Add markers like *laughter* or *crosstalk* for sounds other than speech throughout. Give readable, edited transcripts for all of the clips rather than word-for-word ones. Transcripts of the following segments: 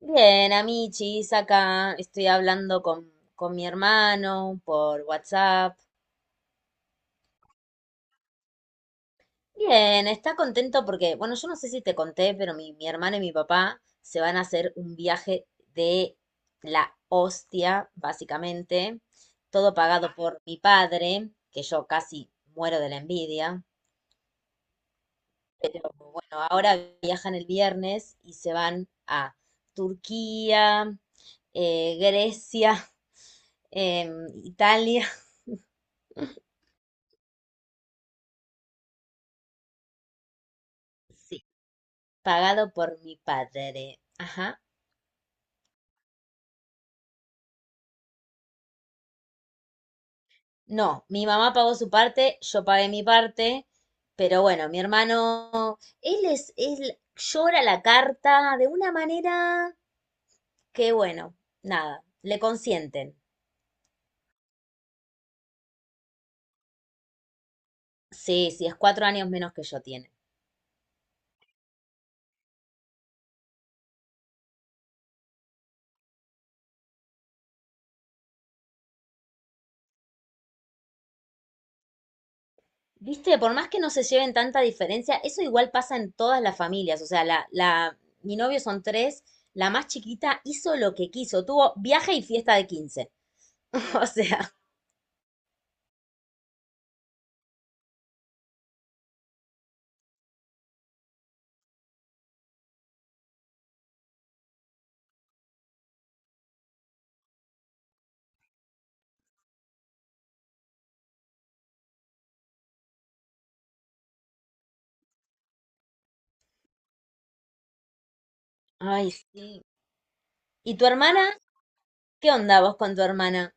Bien, amichis, acá estoy hablando con mi hermano por WhatsApp. Bien, está contento porque, bueno, yo no sé si te conté, pero mi hermana y mi papá se van a hacer un viaje de la hostia, básicamente, todo pagado por mi padre, que yo casi muero de la envidia. Pero bueno, ahora viajan el viernes y se van a Turquía, Grecia, *laughs* Italia. Sí, pagado por mi padre. Ajá. No, mi mamá pagó su parte, yo pagué mi parte, pero bueno, mi hermano, él llora la carta de una manera que, bueno, nada, le consienten. Sí, sí, es 4 años menos que yo tiene. Viste, por más que no se lleven tanta diferencia, eso igual pasa en todas las familias. O sea, mi novio son tres, la más chiquita hizo lo que quiso, tuvo viaje y fiesta de 15. *laughs* O sea, ay, sí. ¿Y tu hermana? ¿Qué onda vos con tu hermana?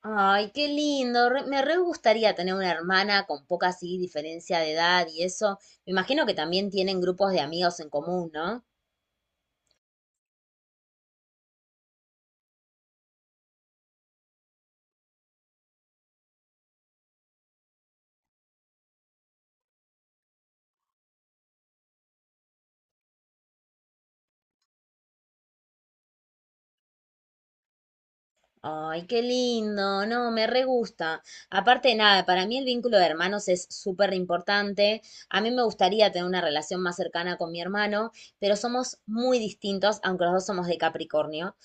Ay, qué lindo. Me re gustaría tener una hermana con poca así diferencia de edad y eso. Me imagino que también tienen grupos de amigos en común, ¿no? Ay, qué lindo. No, me re gusta. Aparte de nada, para mí el vínculo de hermanos es súper importante. A mí me gustaría tener una relación más cercana con mi hermano, pero somos muy distintos, aunque los dos somos de Capricornio.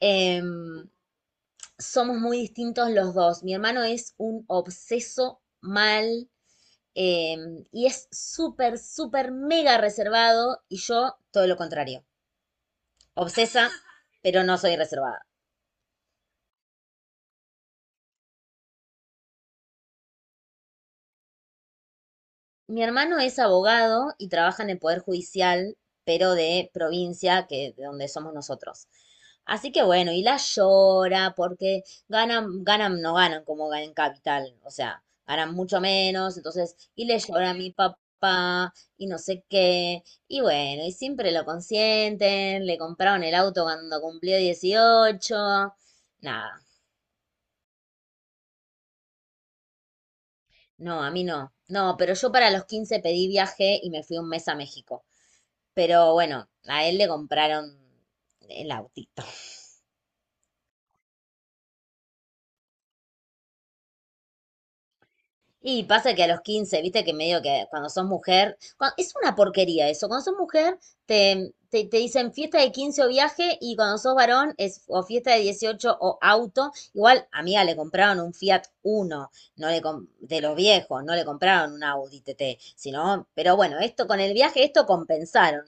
Em, Somos muy distintos los dos. Mi hermano es un obseso mal eh, y es súper, súper mega reservado y yo todo lo contrario. Obsesa, pero no soy reservada. Mi hermano es abogado y trabaja en el Poder Judicial, pero de provincia, que de donde somos nosotros. Así que bueno, y la llora porque ganan, ganan, no ganan como ganan en capital, o sea, ganan mucho menos, entonces, y le llora a mi papá y no sé qué, y bueno, y siempre lo consienten, le compraron el auto cuando cumplió 18. Nada, no, a mí no, no, pero yo para los 15 pedí viaje y me fui un mes a México. Pero bueno, a él le compraron el autito. Y pasa que a los 15 viste que medio que cuando sos mujer, es una porquería eso, cuando sos mujer te dicen fiesta de 15 o viaje y cuando sos varón es o fiesta de 18 o auto. Igual, amiga, le compraron un Fiat Uno, no le com- de los viejos, no le compraron un Audi TT, sino, pero bueno, esto con el viaje, esto compensaron.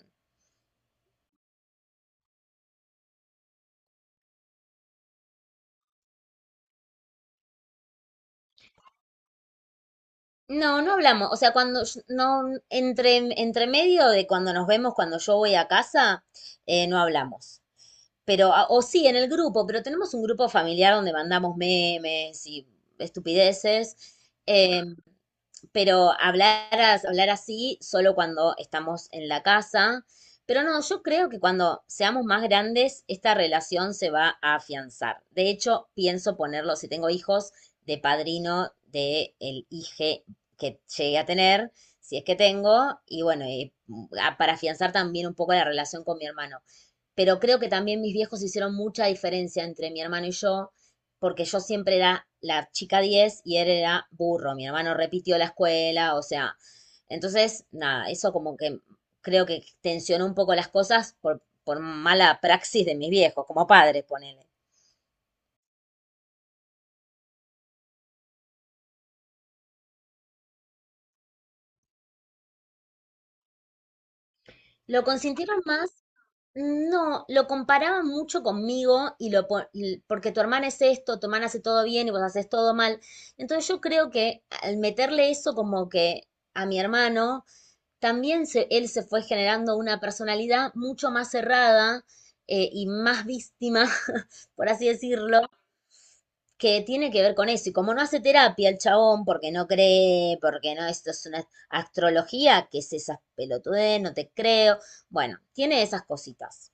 No, no hablamos. O sea, no, entre, medio de cuando nos vemos, cuando yo voy a casa, no hablamos. Pero, o sí, en el grupo, pero tenemos un grupo familiar donde mandamos memes y estupideces. Eh, pero hablar, hablar así solo cuando estamos en la casa. Pero no, yo creo que cuando seamos más grandes, esta relación se va a afianzar. De hecho, pienso ponerlo, si tengo hijos, de padrino del el hije que llegue a tener, si es que tengo, y bueno, y para afianzar también un poco la relación con mi hermano, pero creo que también mis viejos hicieron mucha diferencia entre mi hermano y yo, porque yo siempre era la chica 10 y él era burro, mi hermano repitió la escuela, o sea, entonces, nada, eso como que creo que tensionó un poco las cosas por mala praxis de mis viejos, como padres, ponele. Lo consintieron más. No, lo comparaba mucho conmigo y porque tu hermana es esto, tu hermana hace todo bien y vos haces todo mal. Entonces yo creo que al meterle eso como que a mi hermano, también él se fue generando una personalidad mucho más cerrada, y más víctima, *laughs* por así decirlo, que tiene que ver con eso. Y como no hace terapia el chabón, porque no cree, porque no, esto es una astrología, ¿que es esa pelotudez? No te creo. Bueno, tiene esas cositas.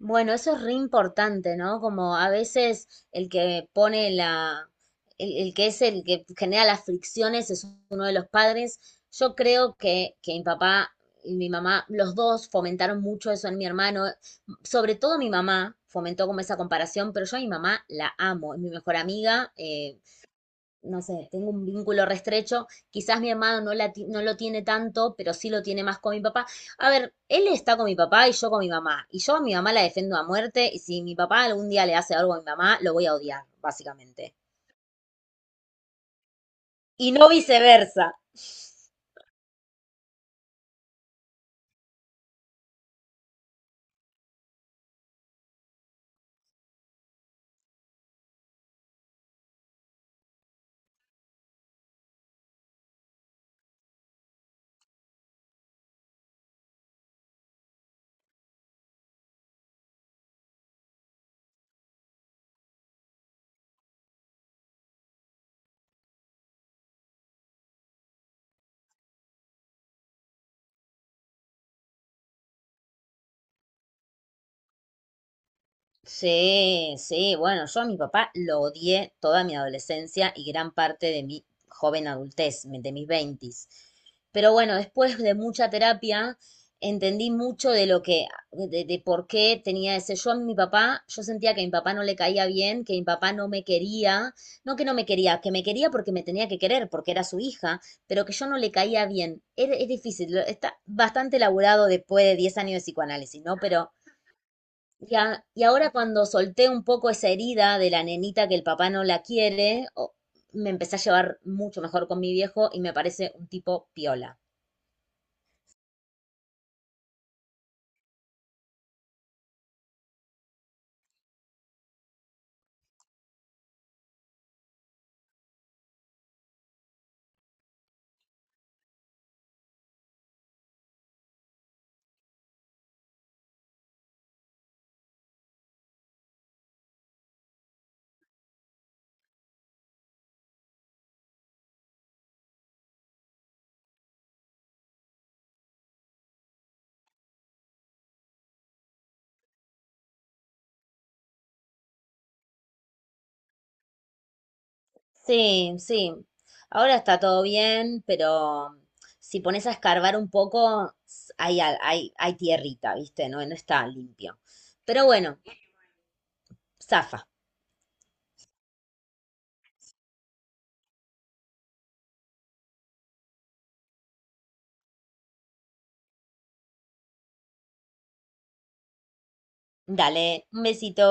Bueno, eso es re importante, ¿no? Como a veces el que pone el que es el que genera las fricciones es uno de los padres. Yo creo que mi papá y mi mamá, los dos fomentaron mucho eso en mi hermano. Sobre todo mi mamá fomentó como esa comparación, pero yo a mi mamá la amo, es mi mejor amiga, no sé, tengo un vínculo restrecho, quizás mi hermano no, no lo tiene tanto, pero sí lo tiene más con mi papá. A ver, él está con mi papá y yo con mi mamá, y yo a mi mamá la defiendo a muerte, y si mi papá algún día le hace algo a mi mamá, lo voy a odiar, básicamente. Y no viceversa. Sí, sí, bueno, yo a mi papá lo odié toda mi adolescencia y gran parte de mi joven adultez, de mis veintis. Pero bueno, después de mucha terapia, entendí mucho de lo que, de por qué tenía ese. Yo a mi papá, yo sentía que a mi papá no le caía bien, que mi papá no me quería, no que no me quería, que me quería porque me tenía que querer, porque era su hija, pero que yo no le caía bien. Es difícil, está bastante elaborado después de 10 años de psicoanálisis, ¿no? Pero y ahora cuando solté un poco esa herida de la nenita que el papá no la quiere, me empecé a llevar mucho mejor con mi viejo y me parece un tipo piola. Sí, sí. Ahora está todo bien, pero si pones a escarbar un poco, hay, hay tierrita, ¿viste? No, no está limpio. Pero bueno, zafa. Dale, un besito.